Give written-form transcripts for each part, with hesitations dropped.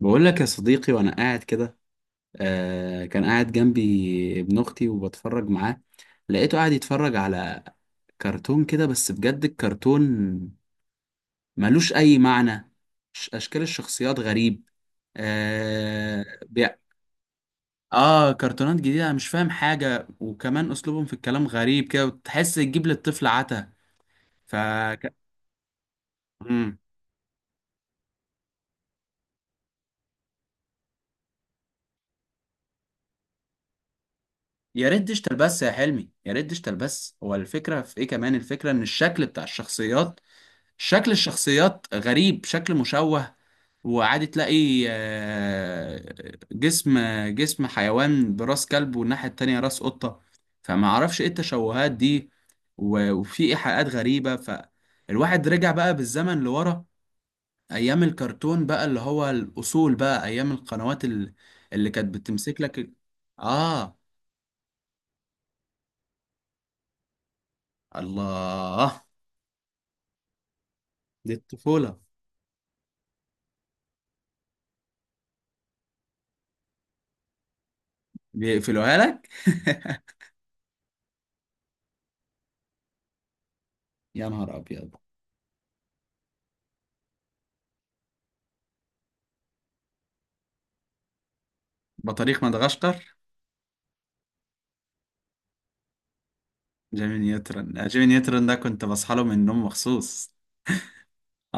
بقول لك يا صديقي وانا قاعد كده. آه، كان قاعد جنبي ابن اختي وبتفرج معاه. لقيته قاعد يتفرج على كرتون كده، بس بجد الكرتون ملوش اي معنى. اشكال الشخصيات غريب. آه بي... اه، كرتونات جديدة، أنا مش فاهم حاجة، وكمان اسلوبهم في الكلام غريب كده، وتحس تجيب للطفل عتا. ف ك- مم. يا ريت ديجيتال بس يا حلمي، يا ريت ديجيتال بس. هو الفكرة في ايه؟ كمان الفكرة ان الشكل بتاع الشخصيات، شكل الشخصيات غريب، شكل مشوه. وعادي تلاقي جسم حيوان براس كلب، والناحية التانية راس قطة. فما اعرفش ايه التشوهات دي. وفي ايحاءات غريبة. فالواحد رجع بقى بالزمن لورا، ايام الكرتون بقى، اللي هو الاصول بقى، ايام القنوات اللي كانت بتمسك لك اه، الله، دي الطفولة. بيقفلوها لك يا نهار ابيض. بطريق مدغشقر. جيمي نيوترن، جيمي نيوترن ده كنت بصحى له من النوم مخصوص.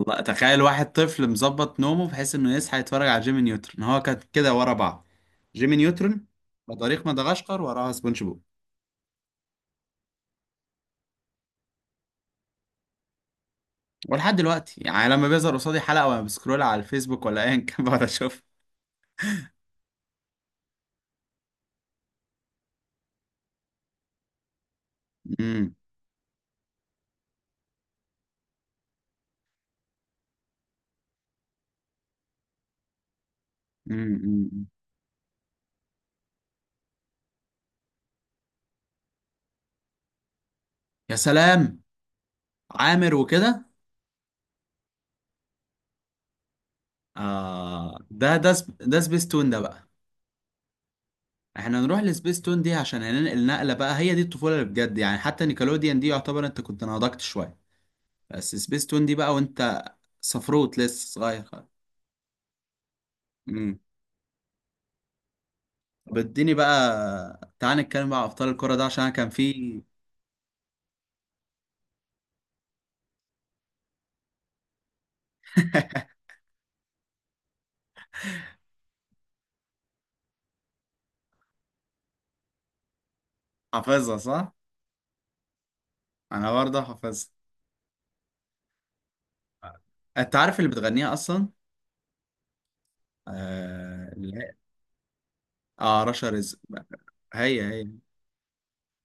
الله، تخيل واحد طفل مظبط نومه بحيث انه يصحى يتفرج على جيمي نيوترن. هو كان كده ورا بعض: جيمي نيوترن، بطريق مدغشقر، وراها سبونج بوب. ولحد دلوقتي يعني، لما بيظهر قصادي حلقة وانا بسكرول على الفيسبوك ولا ايا كان بقعد اشوف. أمم، أمم، أمم. يا سلام. عامر وكده. آه، ده سبيستون ده بقى. احنا نروح لسبيستون دي عشان هننقل نقلة بقى، هي دي الطفولة اللي بجد يعني، حتى نيكلوديان دي يعتبر انت كنت نضجت شوية. بس سبيستون دي بقى وانت صفروت لسه صغير خالص. امم. طب اديني بقى، تعال نتكلم بقى على ابطال الكرة ده، عشان انا كان في حافظها صح؟ انا برضه حافظها. انت عارف اللي بتغنيها اصلا؟ اه, لا. آه، رشا رزق. هي هي.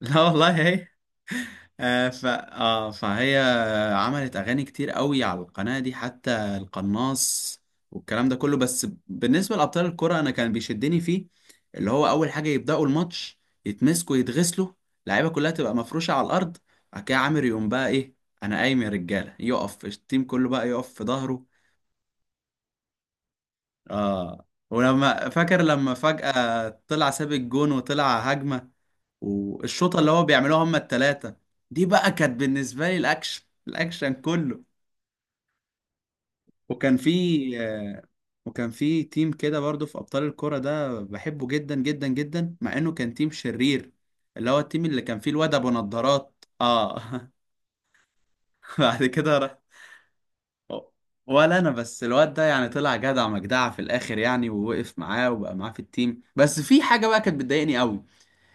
لا والله هي. آه ف آه فهي عملت اغاني كتير قوي على القناه دي، حتى القناص، والكلام ده كله. بس بالنسبه لابطال الكره، انا كان بيشدني فيه اللي هو اول حاجه يبداوا الماتش يتمسكوا يتغسلوا، اللعيبه كلها تبقى مفروشه على الارض. بعد كده عامر يقوم بقى ايه، انا قايم يا رجاله، يقف التيم كله بقى يقف في ظهره. اه، فاكر لما فجاه طلع ساب الجون وطلع هجمه، والشوطه اللي هو بيعملوها هما التلاتة. دي بقى كانت بالنسبه لي الاكشن، الاكشن كله. وكان في آه، تيم كده برضو في ابطال الكرة ده، بحبه جدا جدا جدا، مع انه كان تيم شرير، اللي هو التيم اللي كان فيه الواد ابو نضارات. اه بعد كده راح. ولا انا بس الواد ده يعني طلع جدع مجدع في الاخر يعني، ووقف معاه وبقى معاه في التيم، بس في حاجه بقى كانت بتضايقني قوي.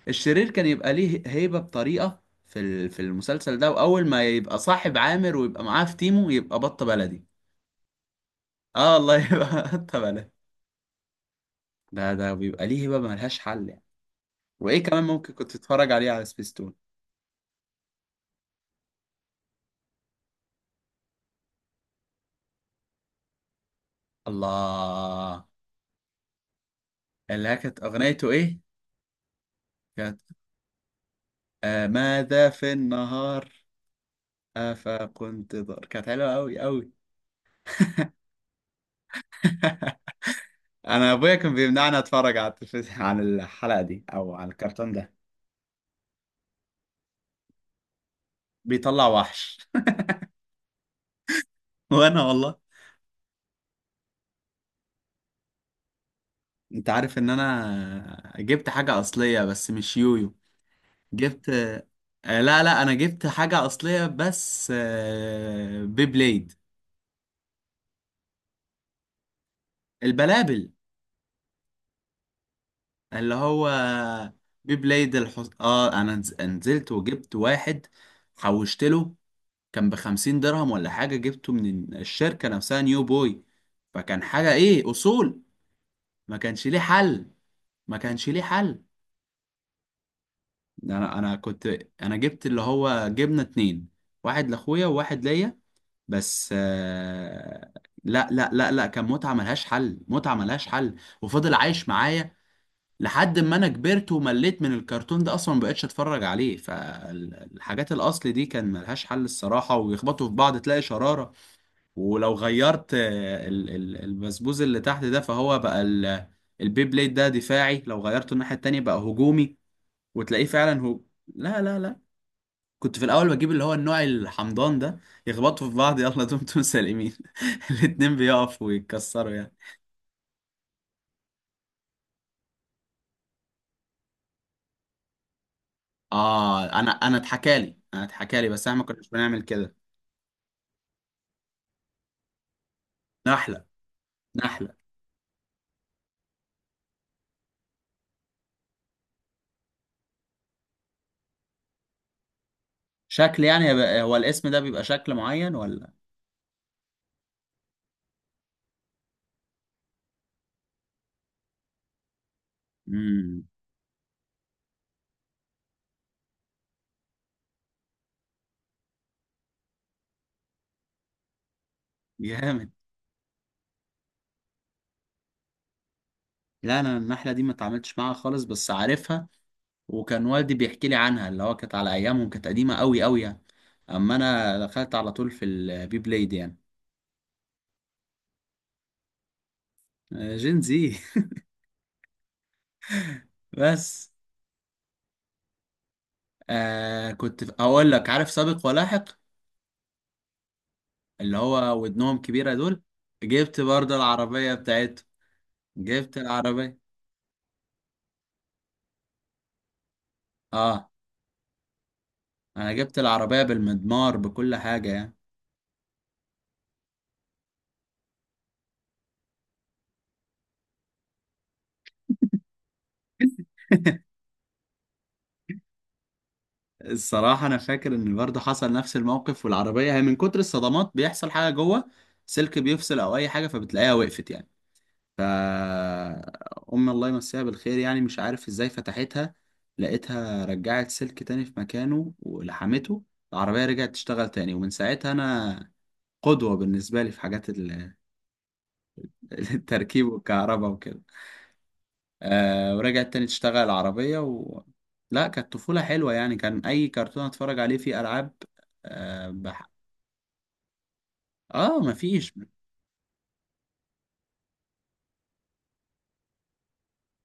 الشرير كان يبقى ليه هيبة بطريقة في المسلسل ده، واول ما يبقى صاحب عامر ويبقى معاه في تيمه يبقى بط بلدي. اه، الله، يبقى بط بلدي؟ ده بيبقى ليه هيبة ملهاش حل يعني. وايه كمان ممكن كنت تتفرج عليه على سبيستون؟ الله، اللي هي كانت اغنيته ايه؟ كانت ماذا في النهار، افكنت ضار، كانت حلوه قوي قوي. انا ابويا كان بيمنعني اتفرج على التلفزيون، على الحلقه دي او على الكرتون ده. بيطلع وحش وانا والله، انت عارف ان انا جبت حاجة اصلية بس مش يويو. جبت آه، لا، لا، انا جبت حاجة اصلية، بس بيبليد. البلابل. اللي هو بيبليد الحص... اه انا نزلت وجبت واحد، حوشت له. كان ب50 درهم ولا حاجة، جبته من الشركة نفسها نيو بوي. فكان حاجة ايه؟ اصول. ما كانش ليه حل، ما كانش ليه حل. انا كنت، انا جبت اللي هو جبنه اتنين، واحد لاخويا وواحد ليا. بس لا، لا، لا، لا، كان متعه ملهاش حل، متعه ملهاش حل. وفضل عايش معايا لحد ما انا كبرت ومليت من الكرتون ده، اصلا ما بقتش اتفرج عليه. فالحاجات الاصل دي كان ملهاش حل الصراحه، ويخبطوا في بعض تلاقي شراره. ولو غيرت البسبوز اللي تحت ده، فهو بقى البيبليد ده دفاعي، لو غيرته الناحيه التانيه بقى هجومي، وتلاقيه فعلا هو. لا، لا، لا، كنت في الاول بجيب اللي هو النوع الحمضان ده، يخبطوا في بعض، يلا دمتم سالمين الاتنين بيقفوا ويتكسروا يعني. انا اتحكالي، بس احنا ما كناش بنعمل كده. نحله. نحله. شكل يعني هو الاسم ده بيبقى شكل معين ولا؟ امم. جامد. لا، انا النحله دي ما اتعاملتش معاها خالص، بس عارفها، وكان والدي بيحكي لي عنها، اللي هو كانت على ايامهم، كانت قديمه قوي قوي يعني. اما انا دخلت على طول في البي بلاي دي يعني. آه، جين زي بس. آه، كنت اقول لك، عارف سابق ولاحق؟ اللي هو ودنهم كبيرة دول. جبت برضه العربية بتاعته، جبت العربية. اه، انا جبت العربية بالمضمار بكل حاجة يعني. الصراحة أنا فاكر إن برضه حصل نفس الموقف، والعربية هي من كتر الصدمات بيحصل حاجة جوه، سلك بيفصل أو أي حاجة، فبتلاقيها وقفت يعني. فأم الله يمسيها بالخير، يعني مش عارف ازاي فتحتها، لقيتها رجعت سلك تاني في مكانه ولحمته، العربية رجعت تشتغل تاني. ومن ساعتها أنا قدوة بالنسبة لي في حاجات التركيب والكهرباء وكده. أه، ورجعت تاني تشتغل العربية لا، كانت طفولة حلوة يعني، كان أي كرتون أتفرج عليه فيه ألعاب. أه بح... آه، مفيش.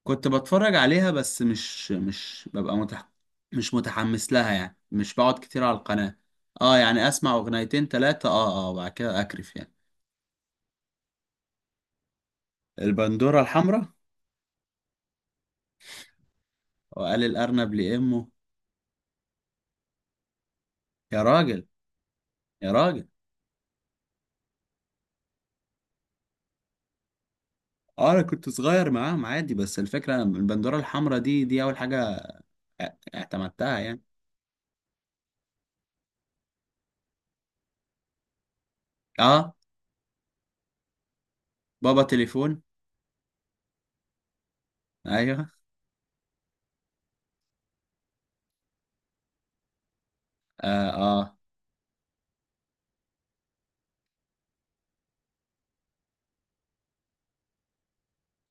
كنت بتفرج عليها، بس مش متحمس لها يعني، مش بقعد كتير على القناة. اه يعني، اسمع اغنيتين تلاتة، وبعد كده اكرف يعني. البندورة الحمراء. وقال الارنب لامه. يا راجل، يا راجل. اه، انا كنت صغير معاهم عادي، بس الفكرة انا البندورة الحمراء دي، دي اول حاجة اعتمدتها يعني. اه، بابا تليفون. ايوه. اه. اه.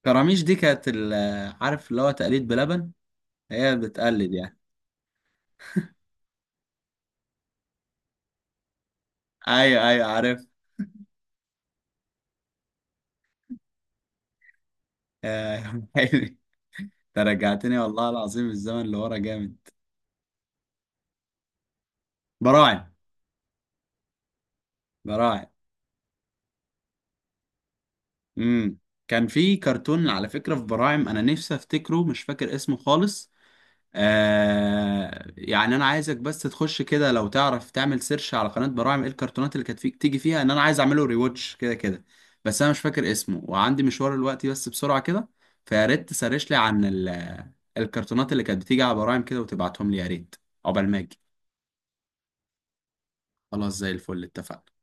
كراميش دي كانت عارف اللي هو تقليد بلبن، هي بتقلد يعني. ايوه، ايوه، عارف. آه يا عم حلمي، انت رجعتني والله العظيم الزمن اللي ورا جامد. براعم. براعم. امم. كان في كرتون على فكرة في براعم، انا نفسي افتكره، مش فاكر اسمه خالص. آه، يعني انا عايزك بس تخش كده، لو تعرف تعمل سيرش على قناة براعم، ايه الكرتونات اللي كانت فيك تيجي فيها، ان انا عايز اعمله ريواتش كده كده. بس انا مش فاكر اسمه، وعندي مشوار دلوقتي، بس بسرعة كده، فيا ريت تسرش لي عن الكرتونات اللي كانت بتيجي على براعم كده، وتبعتهم لي يا ريت. عقبال ما اجي. خلاص، زي الفل، اتفقنا.